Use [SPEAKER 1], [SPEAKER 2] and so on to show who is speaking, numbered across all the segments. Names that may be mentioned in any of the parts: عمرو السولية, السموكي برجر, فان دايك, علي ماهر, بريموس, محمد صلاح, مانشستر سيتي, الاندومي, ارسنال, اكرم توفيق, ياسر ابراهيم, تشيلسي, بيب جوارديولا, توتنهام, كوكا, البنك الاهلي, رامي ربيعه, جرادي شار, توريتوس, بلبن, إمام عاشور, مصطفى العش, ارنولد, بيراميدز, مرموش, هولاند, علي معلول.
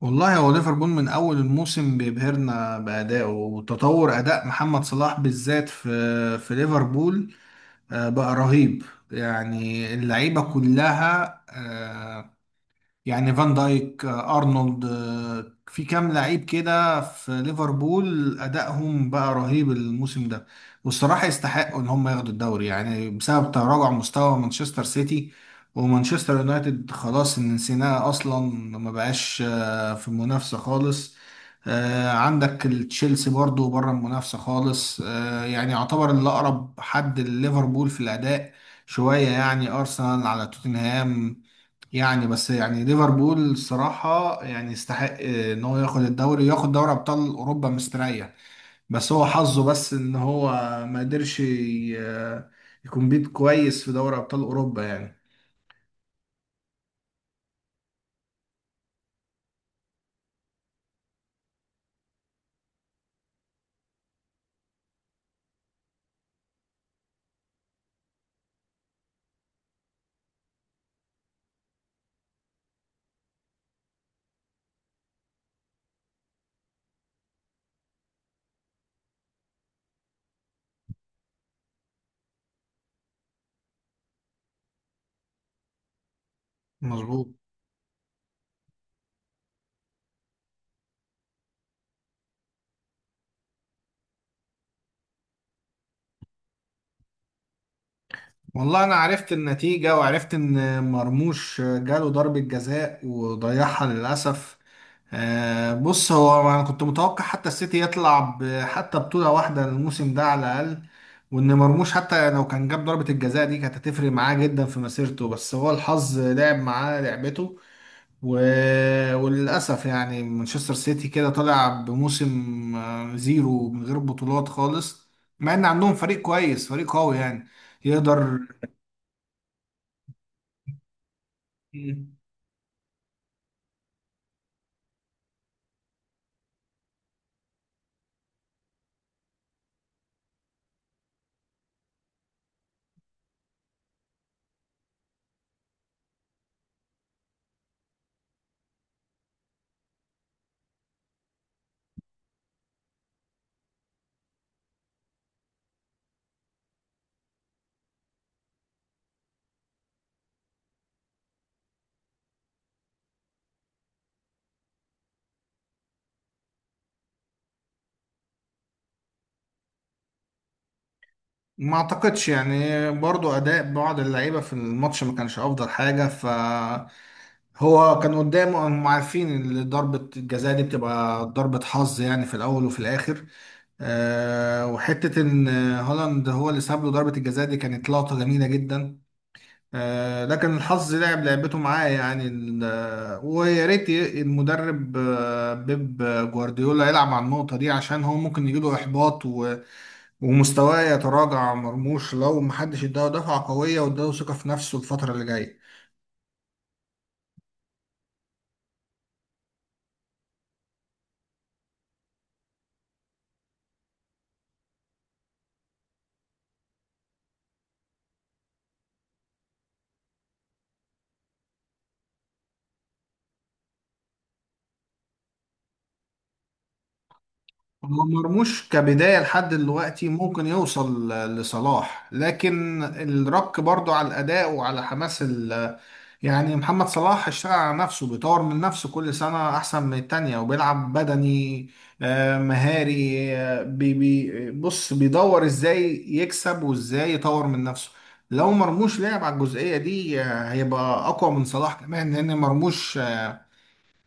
[SPEAKER 1] والله، هو ليفربول من اول الموسم بيبهرنا بادائه وتطور اداء محمد صلاح بالذات في ليفربول. بقى رهيب، يعني اللعيبه كلها، يعني فان دايك، ارنولد، في كام لعيب كده في ليفربول، ادائهم بقى رهيب الموسم ده. والصراحه يستحقوا ان هم ياخدوا الدوري، يعني بسبب تراجع مستوى مانشستر سيتي ومانشستر يونايتد، خلاص إن نسيناه اصلا، ما بقاش في المنافسه خالص. عندك تشيلسي برضو بره المنافسه خالص، يعني يعتبر اللي اقرب حد لليفربول في الاداء شويه، يعني ارسنال على توتنهام. يعني بس يعني ليفربول الصراحة يعني يستحق ان هو ياخد الدوري وياخد دوري ابطال اوروبا مستريح. بس هو حظه، بس ان هو ما قدرش يكون بيت كويس في دوري ابطال اوروبا يعني. مظبوط. والله انا عرفت النتيجة، وعرفت ان مرموش جاله ضربة جزاء وضيعها للأسف. بص، هو انا كنت متوقع حتى السيتي يطلع حتى بطولة واحدة الموسم ده على الأقل، وان مرموش حتى لو كان جاب ضربة الجزاء دي كانت هتفرق معاه جدا في مسيرته، بس هو الحظ لعب معاه لعبته. و... وللأسف يعني مانشستر سيتي كده طالع بموسم زيرو من غير بطولات خالص، مع ان عندهم فريق كويس فريق قوي يعني يقدر. مم. ما اعتقدش يعني برضو اداء بعض اللعيبه في الماتش ما كانش افضل حاجه، هو كان قدامه، هم عارفين ان ضربه الجزاء دي بتبقى ضربه حظ يعني في الاول وفي الاخر. وحته ان هولاند هو اللي ساب له ضربه الجزاء دي كانت لقطه جميله جدا. لكن الحظ لعب لعبته معاه، يعني ويا ريت المدرب بيب جوارديولا يلعب على النقطه دي، عشان هو ممكن يجيله احباط ومستواه يتراجع. مرموش لو محدش اداه دفعة قوية واداه ثقة في نفسه الفترة اللي جاية. هو مرموش كبداية لحد دلوقتي ممكن يوصل لصلاح، لكن الرك برضو على الأداء وعلى حماس يعني محمد صلاح اشتغل على نفسه، بيطور من نفسه كل سنة أحسن من التانية، وبيلعب بدني مهاري. بي بي بص، بيدور إزاي يكسب وإزاي يطور من نفسه. لو مرموش لعب على الجزئية دي هيبقى أقوى من صلاح كمان، لأن مرموش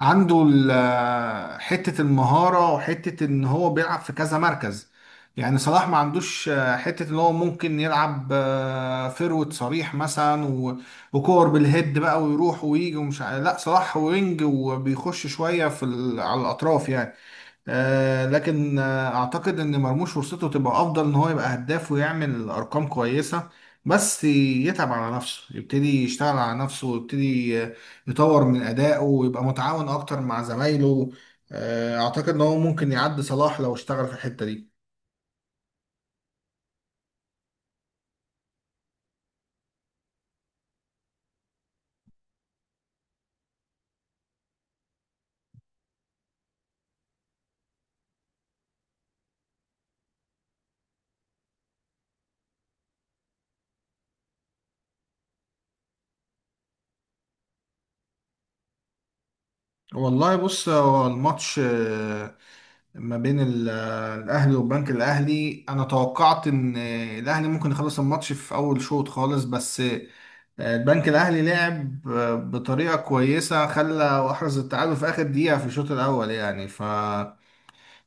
[SPEAKER 1] عنده حتة المهارة، وحتة ان هو بيلعب في كذا مركز. يعني صلاح ما عندوش حتة ان هو ممكن يلعب فيرود صريح مثلا وكور بالهيد بقى، ويروح ويجي، ومش لا، صلاح وينج وبيخش شوية في على الأطراف يعني. لكن اعتقد ان مرموش فرصته تبقى افضل، ان هو يبقى هداف ويعمل ارقام كويسه، بس يتعب على نفسه، يبتدي يشتغل على نفسه، ويبتدي يطور من ادائه ويبقى متعاون اكتر مع زمايله. اعتقد ان هو ممكن يعدي صلاح لو اشتغل في الحته دي. والله بص، هو الماتش ما بين الاهلي والبنك الاهلي، انا توقعت ان الاهلي ممكن يخلص الماتش في اول شوط خالص، بس البنك الاهلي لعب بطريقه كويسه، خلى احرز التعادل في اخر دقيقه في الشوط الاول يعني.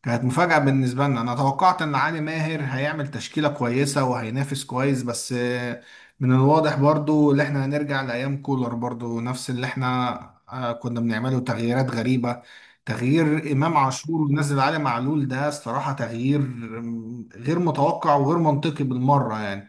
[SPEAKER 1] كانت مفاجأة بالنسبة لنا، أنا توقعت إن علي ماهر هيعمل تشكيلة كويسة وهينافس كويس، بس من الواضح برضو اللي إحنا هنرجع لأيام كولر، برضو نفس اللي إحنا كنا بنعمله تغييرات غريبة. تغيير إمام عاشور ونزل علي معلول، ده الصراحة تغيير غير متوقع وغير منطقي بالمرة يعني.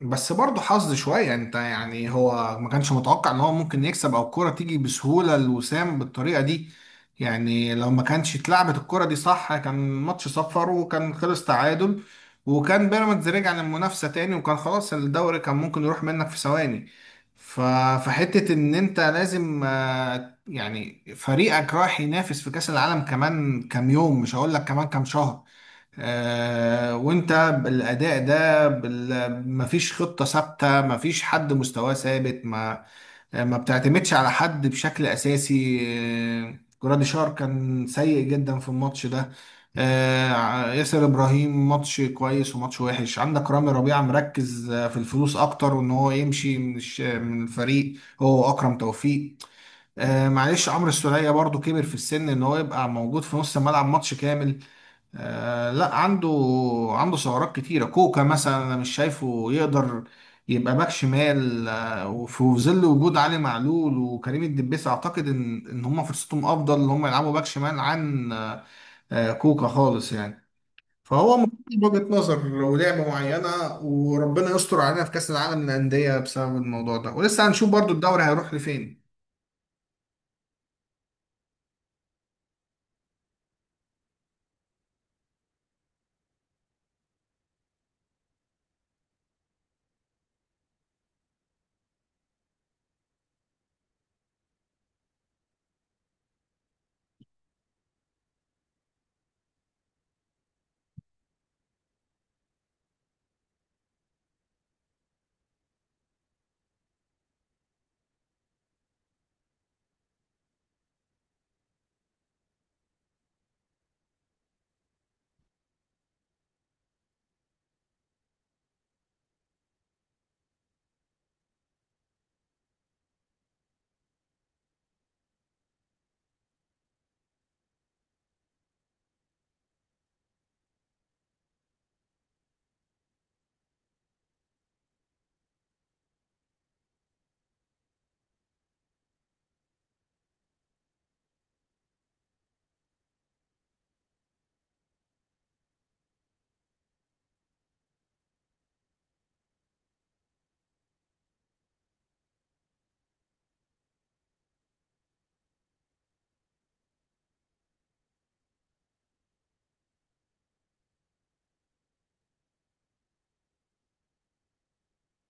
[SPEAKER 1] بس برضه حظ شوية يعني. انت يعني، هو ما كانش متوقع ان هو ممكن يكسب، او الكرة تيجي بسهولة لوسام بالطريقة دي. يعني لو ما كانش اتلعبت الكرة دي صح كان ماتش صفر وكان خلص تعادل، وكان بيراميدز رجع للمنافسة تاني، وكان خلاص الدوري كان ممكن يروح منك في ثواني. ف- فحتة ان انت لازم، يعني فريقك رايح ينافس في كأس العالم كمان كام يوم، مش هقول لك كمان كام شهر، وانت بالاداء ده مفيش خطه ثابته، مفيش حد مستواه ثابت، ما بتعتمدش على حد بشكل اساسي. جرادي شار كان سيء جدا في الماتش ده. ياسر ابراهيم، ماتش كويس وماتش وحش. عندك رامي ربيعه مركز في الفلوس اكتر، وان هو يمشي من من الفريق. هو اكرم توفيق. معلش، عمرو السولية برضو كبر في السن، ان هو يبقى موجود في نص الملعب ماتش كامل؟ لا، عنده ثغرات كتيرة. كوكا مثلا أنا مش شايفه يقدر يبقى باك شمال، وفي ظل وجود علي معلول وكريم الدبيس، أعتقد إن هما فرصتهم أفضل إن هما يلعبوا باك شمال عن كوكا خالص يعني. فهو مفيش وجهة نظر ولعبة معينة، وربنا يستر علينا في كأس العالم للأندية بسبب الموضوع ده، ولسه هنشوف برضو الدوري هيروح لفين.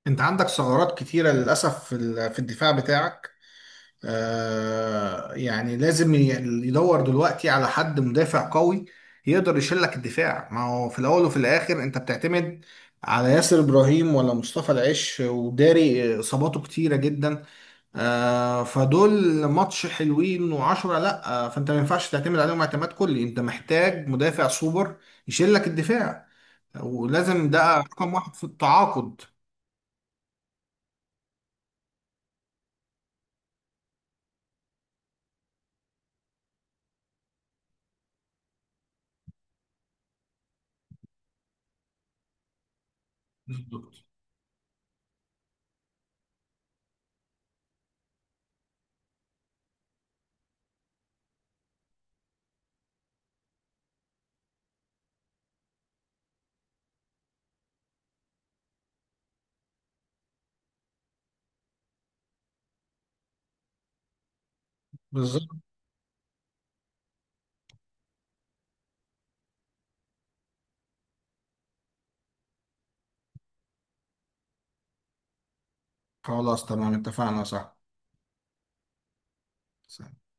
[SPEAKER 1] أنت عندك ثغرات كتيرة للأسف في في الدفاع بتاعك. يعني لازم يدور دلوقتي على حد مدافع قوي يقدر يشيل لك الدفاع. ما هو في الاول وفي الاخر انت بتعتمد على ياسر ابراهيم ولا مصطفى العش، وداري اصاباته كتيره جدا. فدول ماتش حلوين وعشرة لا، فانت ما ينفعش تعتمد عليهم اعتماد كلي، انت محتاج مدافع سوبر يشيل لك الدفاع، ولازم ده رقم واحد في التعاقد. بالظبط. بالظبط. خلاص تمام، اتفقنا. صح.